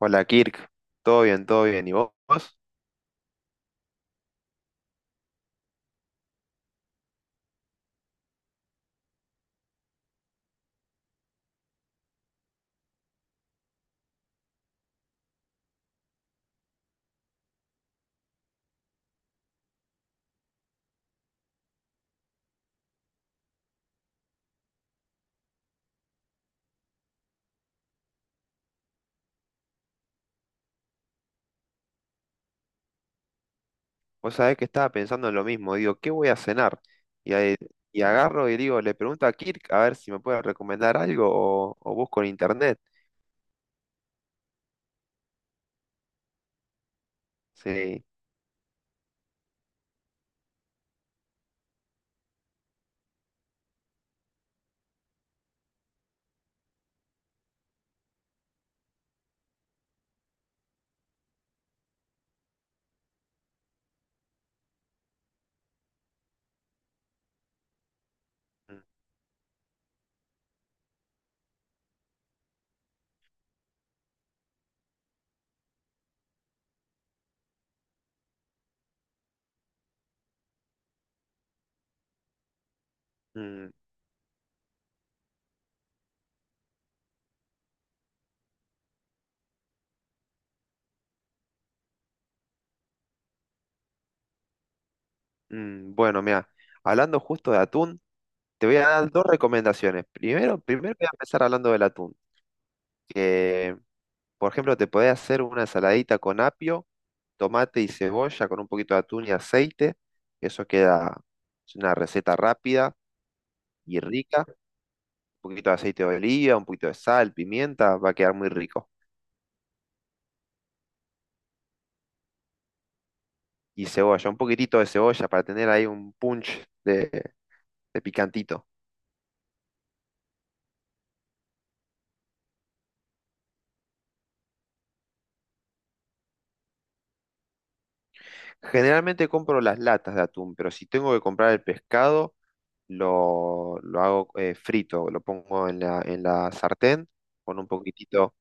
Hola Kirk, todo bien, todo bien. ¿Y vos? Vos sabés que estaba pensando en lo mismo. Digo, ¿qué voy a cenar? Y, ahí- y agarro y digo, le pregunto a Kirk a ver si me puede recomendar algo o busco en internet. Sí. Mm, mm, mm. Bueno, mira, hablando justo de atún, te voy a dar dos recomendaciones. Primero voy a empezar hablando del atún. Que, por ejemplo, te podés hacer una ensaladita con apio, tomate y cebolla con un poquito de atún y aceite. Eso queda, es una receta rápida y rica. Un poquito de aceite de oliva, un poquito de sal, pimienta, va a quedar muy rico. Y cebolla, un poquitito de cebolla para tener ahí un punch de picantito. Generalmente compro las latas de atún, pero si tengo que comprar el pescado, lo hago frito, lo pongo en la sartén con un poquitito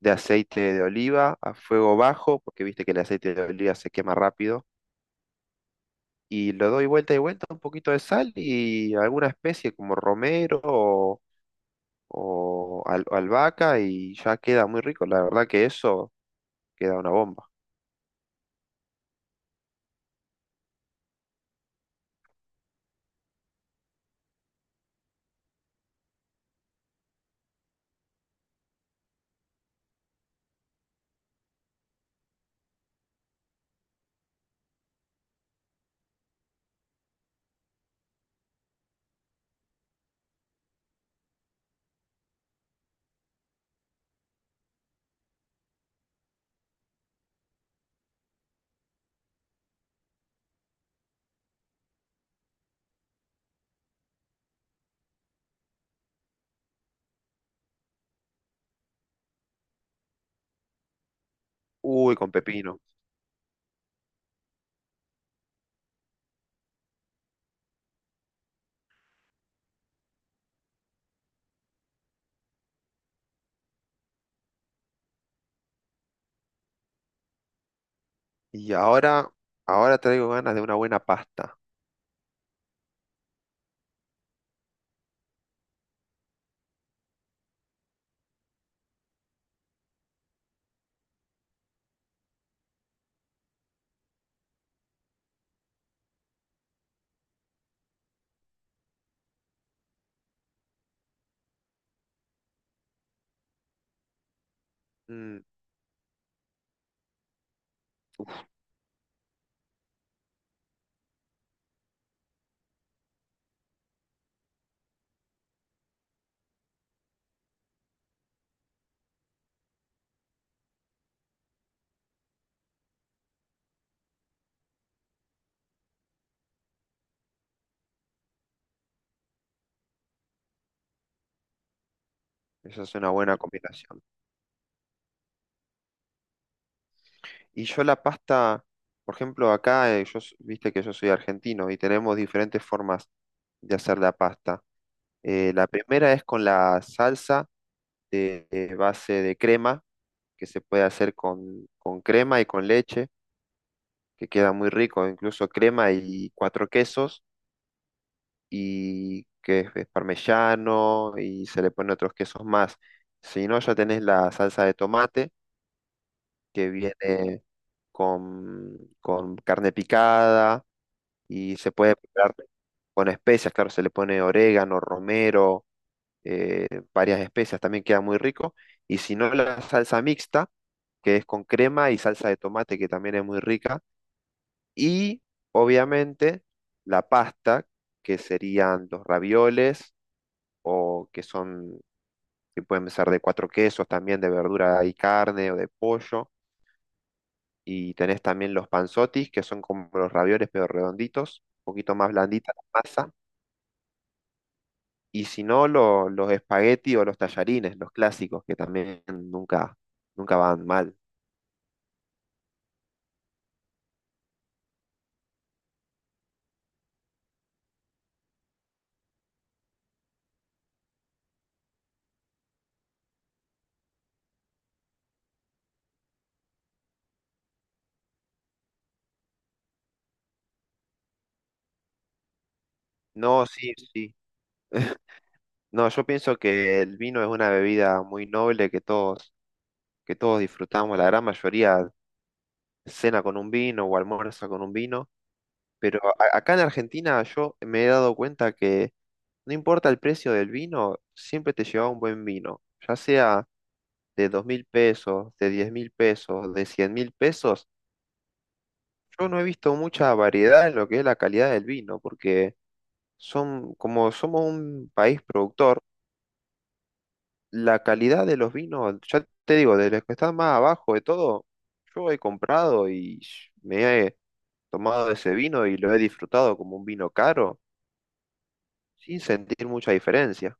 de aceite de oliva a fuego bajo, porque viste que el aceite de oliva se quema rápido. Y lo doy vuelta y vuelta, un poquito de sal y alguna especie como romero o albahaca y ya queda muy rico. La verdad que eso queda una bomba. Uy, con pepino. Y ahora traigo ganas de una buena pasta. Mm, Esa es una buena combinación. Y yo la pasta, por ejemplo, acá, viste que yo soy argentino y tenemos diferentes formas de hacer la pasta. La primera es con la salsa de base de crema, que se puede hacer con crema y con leche, que queda muy rico, incluso crema y cuatro quesos. Y que es parmesano y se le ponen otros quesos más. Si no, ya tenés la salsa de tomate que viene con carne picada y se puede preparar con especias, claro, se le pone orégano, romero, eh, varias especias, también queda muy rico. Y si no, la salsa mixta, que es con crema y salsa de tomate, que también es muy rica. Y obviamente la pasta, que serían los ravioles o que son, que pueden ser de cuatro quesos también, de verdura y carne o de pollo. Y tenés también los panzotis, que son como los ravioles, pero redonditos, un poquito más blandita la masa. Y si no, los espagueti o los tallarines, los clásicos, que también nunca, nunca van mal. No, sí, sí. No, yo pienso que el vino es una bebida muy noble que todos disfrutamos. La gran mayoría cena con un vino o almuerza con un vino. Pero acá en Argentina yo me he dado cuenta que no importa el precio del vino, siempre te llevaba un buen vino, ya sea de 2.000 pesos, de 10.000 pesos, de 100.000 pesos. Yo no he visto mucha variedad en lo que es la calidad del vino, porque son, como somos un país productor, la calidad de los vinos, ya te digo, de los que están más abajo de todo, yo he comprado y me he tomado ese vino y lo he disfrutado como un vino caro sin sentir mucha diferencia,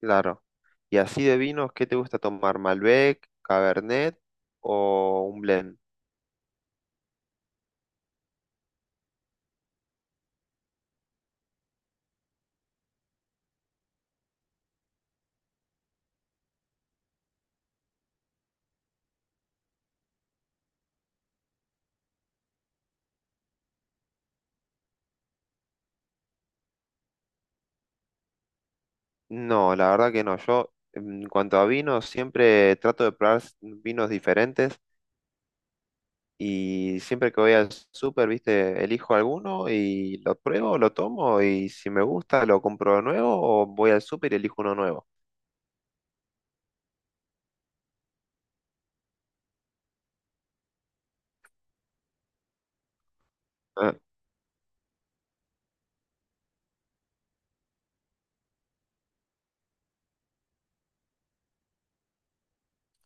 claro. Y así de vinos, ¿qué te gusta tomar? ¿Malbec, Cabernet o un blend? No, la verdad que no. Yo, en cuanto a vinos, siempre trato de probar vinos diferentes y siempre que voy al súper, viste, elijo alguno y lo pruebo, lo tomo y si me gusta, lo compro de nuevo o voy al súper y elijo uno nuevo. Ah,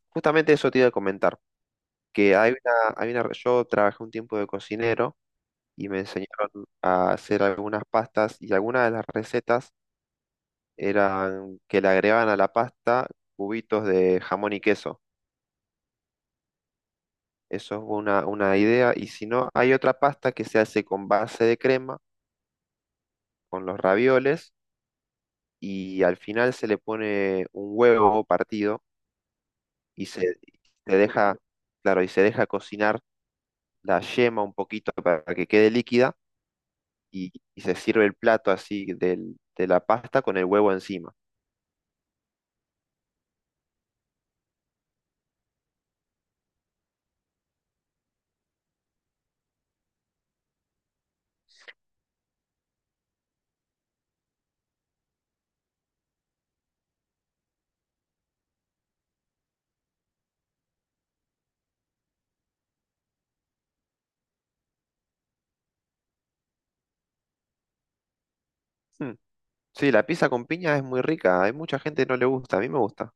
justamente eso te iba a comentar, que hay una, yo trabajé un tiempo de cocinero. Y me enseñaron a hacer algunas pastas y algunas de las recetas eran que le agregaban a la pasta cubitos de jamón y queso. Eso es una idea. Y si no, hay otra pasta que se hace con base de crema, con los ravioles, y al final se le pone un huevo partido y se, se deja, claro, y se deja cocinar la yema un poquito para que quede líquida y se sirve el plato así de la pasta con el huevo encima. Sí, la pizza con piña es muy rica. Hay mucha gente que no le gusta. A mí me gusta.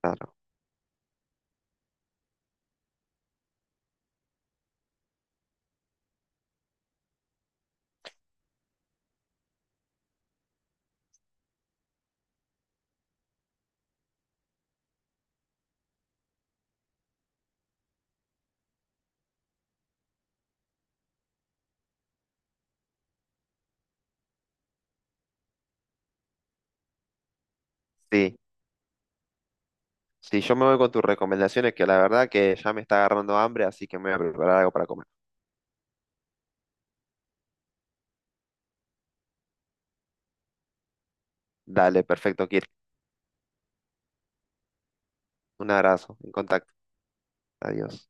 Claro. Sí, sí, yo me voy con tus recomendaciones, que la verdad que ya me está agarrando hambre, así que me voy a preparar algo para comer. Dale, perfecto, Kirk. Un abrazo, en contacto. Adiós.